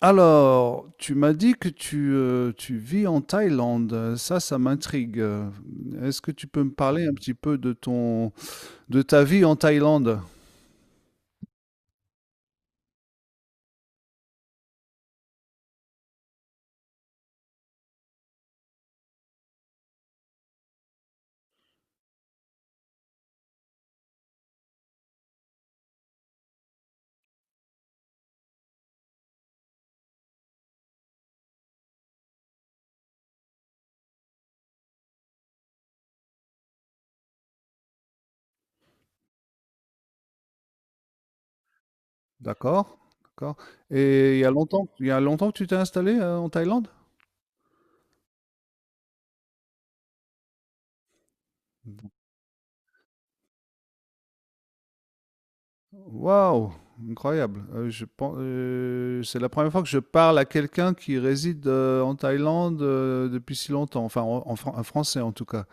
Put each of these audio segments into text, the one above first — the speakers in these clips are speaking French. Alors, tu m'as dit que tu vis en Thaïlande. Ça m'intrigue. Est-ce que tu peux me parler un petit peu de ton, de ta vie en Thaïlande? D'accord, d'accord. Et il y a longtemps, il y a longtemps que tu t'es installé en Thaïlande? Waouh, incroyable. C'est la première fois que je parle à quelqu'un qui réside en Thaïlande depuis si longtemps. Enfin, un Français en tout cas.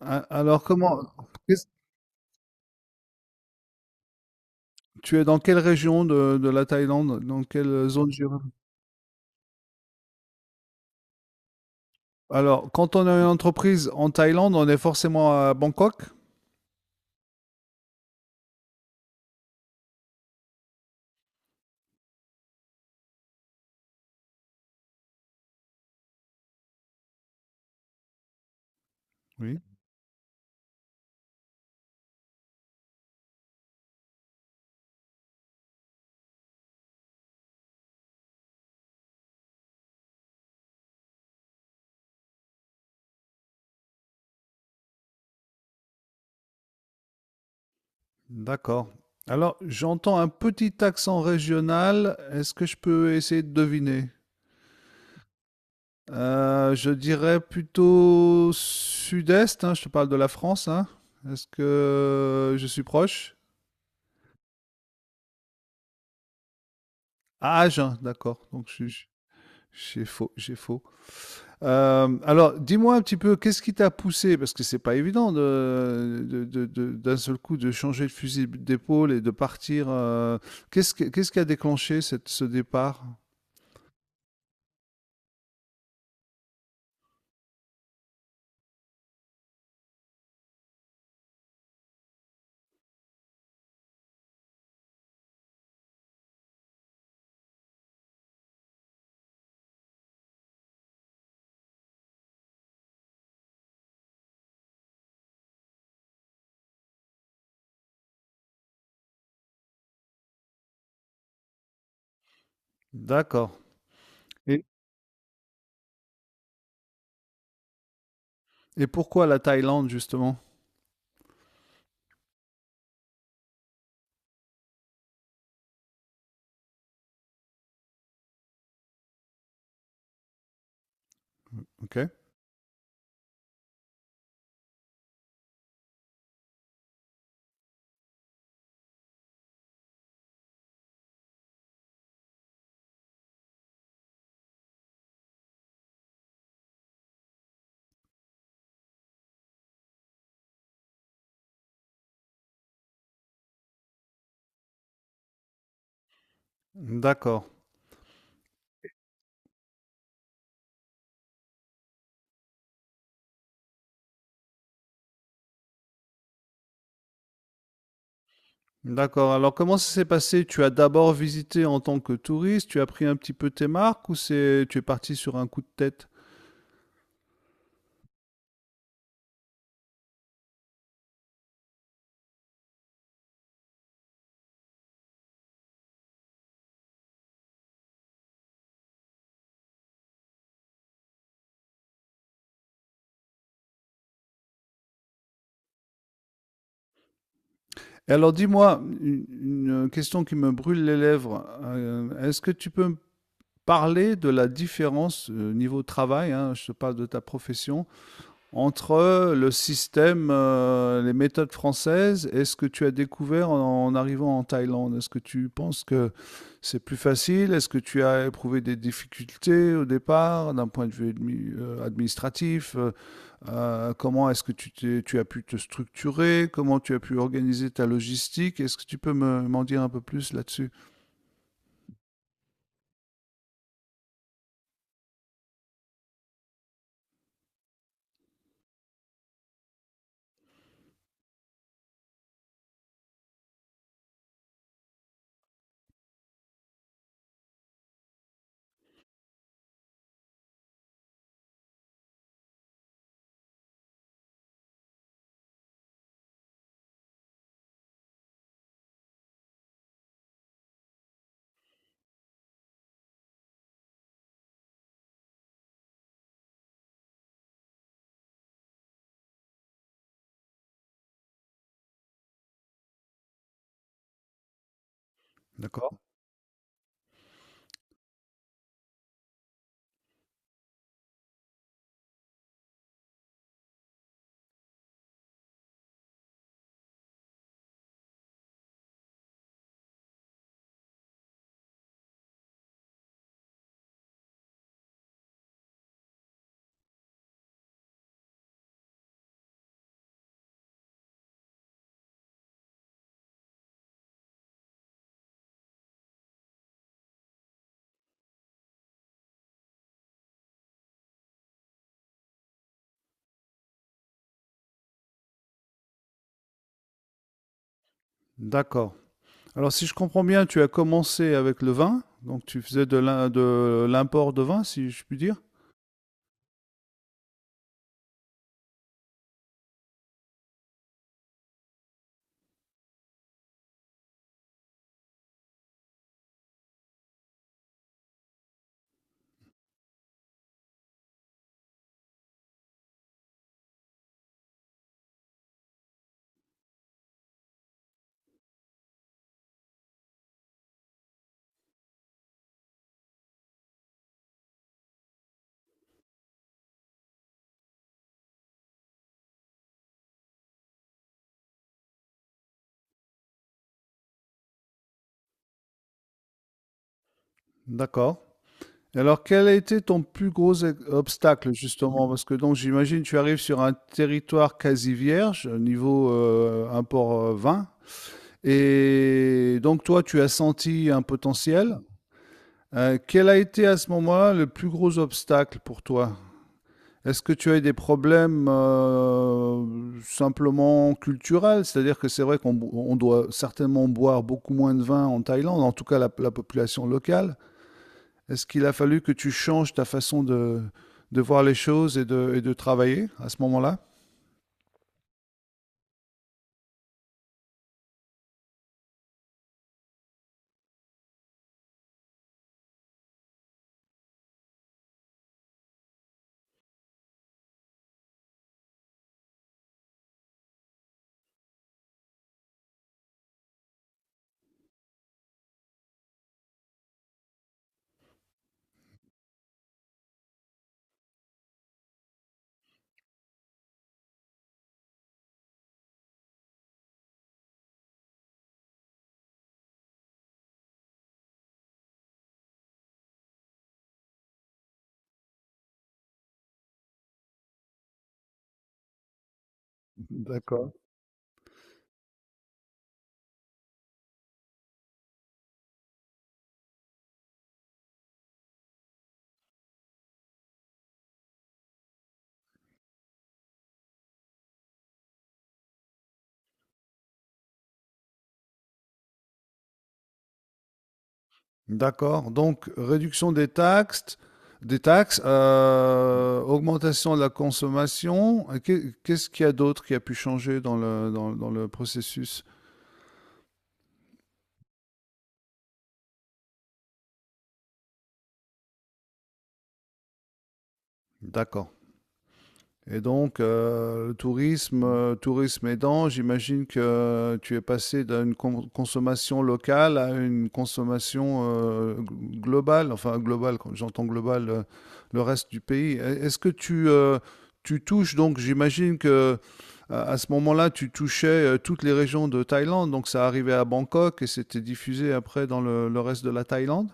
Alors comment, tu es dans quelle région de la Thaïlande? Dans quelle zone géographique? Alors, quand on a une entreprise en Thaïlande, on est forcément à Bangkok? Oui. D'accord. Alors, j'entends un petit accent régional. Est-ce que je peux essayer de deviner? Je dirais plutôt sud-est, hein, je te parle de la France, hein. Est-ce que je suis proche? Ah, Agen, d'accord. Donc, j'ai faux, j'ai faux. Alors, dis-moi un petit peu, qu'est-ce qui t'a poussé, parce que c'est pas évident d'un seul coup de changer de fusil d'épaule et de partir. Qu'est-ce qui a déclenché ce départ? D'accord. Et, et pourquoi la Thaïlande, justement? Ok. D'accord. D'accord. Alors, comment ça s'est passé? Tu as d'abord visité en tant que touriste, tu as pris un petit peu tes marques ou, tu es parti sur un coup de tête? Et alors, dis-moi, une question qui me brûle les lèvres. Est-ce que tu peux parler de la différence niveau travail, hein, je te parle de ta profession, entre le système, les méthodes françaises et ce que tu as découvert en arrivant en Thaïlande. Est-ce que tu penses que c'est plus facile? Est-ce que tu as éprouvé des difficultés au départ d'un point de vue administratif? Comment est-ce que tu as pu te structurer? Comment tu as pu organiser ta logistique? Est-ce que tu peux m'en dire un peu plus là-dessus? D'accord. D'accord. Alors, si je comprends bien, tu as commencé avec le vin, donc tu faisais de l'import de vin, si je puis dire. D'accord. Et alors, quel a été ton plus gros obstacle, justement? Parce que donc, j'imagine, tu arrives sur un territoire quasi vierge niveau import vin, et donc toi, tu as senti un potentiel. Quel a été à ce moment-là le plus gros obstacle pour toi? Est-ce que tu as eu des problèmes simplement culturels? C'est-à-dire que c'est vrai qu'on bo- on doit certainement boire beaucoup moins de vin en Thaïlande, en tout cas la population locale. Est-ce qu'il a fallu que tu changes ta façon de voir les choses et et de travailler à ce moment-là? D'accord. D'accord. Donc, réduction des taxes, augmentation de la consommation. Et qu'est-ce qu'il y a d'autre qui a pu changer dans le, dans le processus? D'accord. Et donc, le tourisme, tourisme aidant, j'imagine que tu es passé d'une consommation locale à une consommation globale, enfin globale, quand j'entends globale, le reste du pays. Est-ce que tu, tu touches, donc j'imagine que à ce moment-là, tu touchais toutes les régions de Thaïlande, donc ça arrivait à Bangkok et c'était diffusé après dans le reste de la Thaïlande?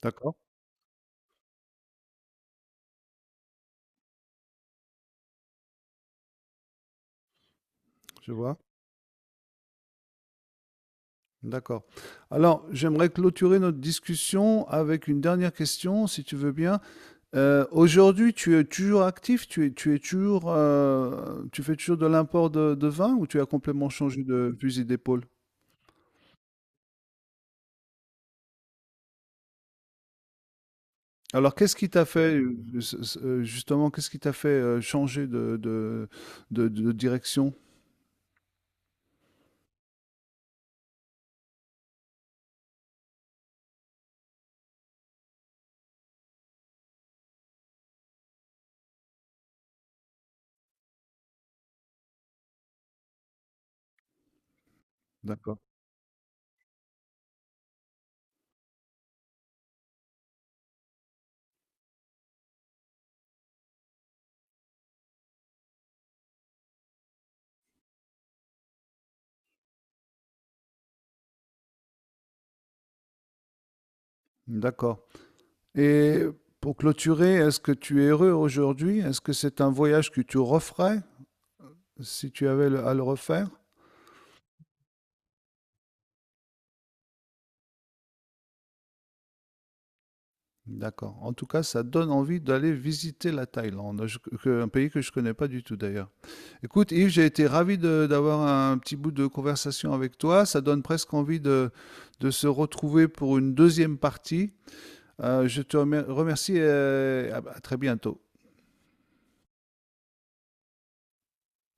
D'accord, je vois. D'accord. Alors, j'aimerais clôturer notre discussion avec une dernière question, si tu veux bien. Aujourd'hui, tu es toujours actif, tu es toujours, tu fais toujours de l'import de vin ou tu as complètement changé de fusil d'épaule? Alors, qu'est-ce qui t'a fait, justement, qu'est-ce qui t'a fait changer de direction? D'accord. D'accord. Et pour clôturer, est-ce que tu es heureux aujourd'hui? Est-ce que c'est un voyage que tu referais si tu avais à le refaire? D'accord. En tout cas, ça donne envie d'aller visiter la Thaïlande, un pays que je connais pas du tout d'ailleurs. Écoute, Yves, j'ai été ravi d'avoir un petit bout de conversation avec toi. Ça donne presque envie de se retrouver pour une deuxième partie. Je te remercie et à très bientôt.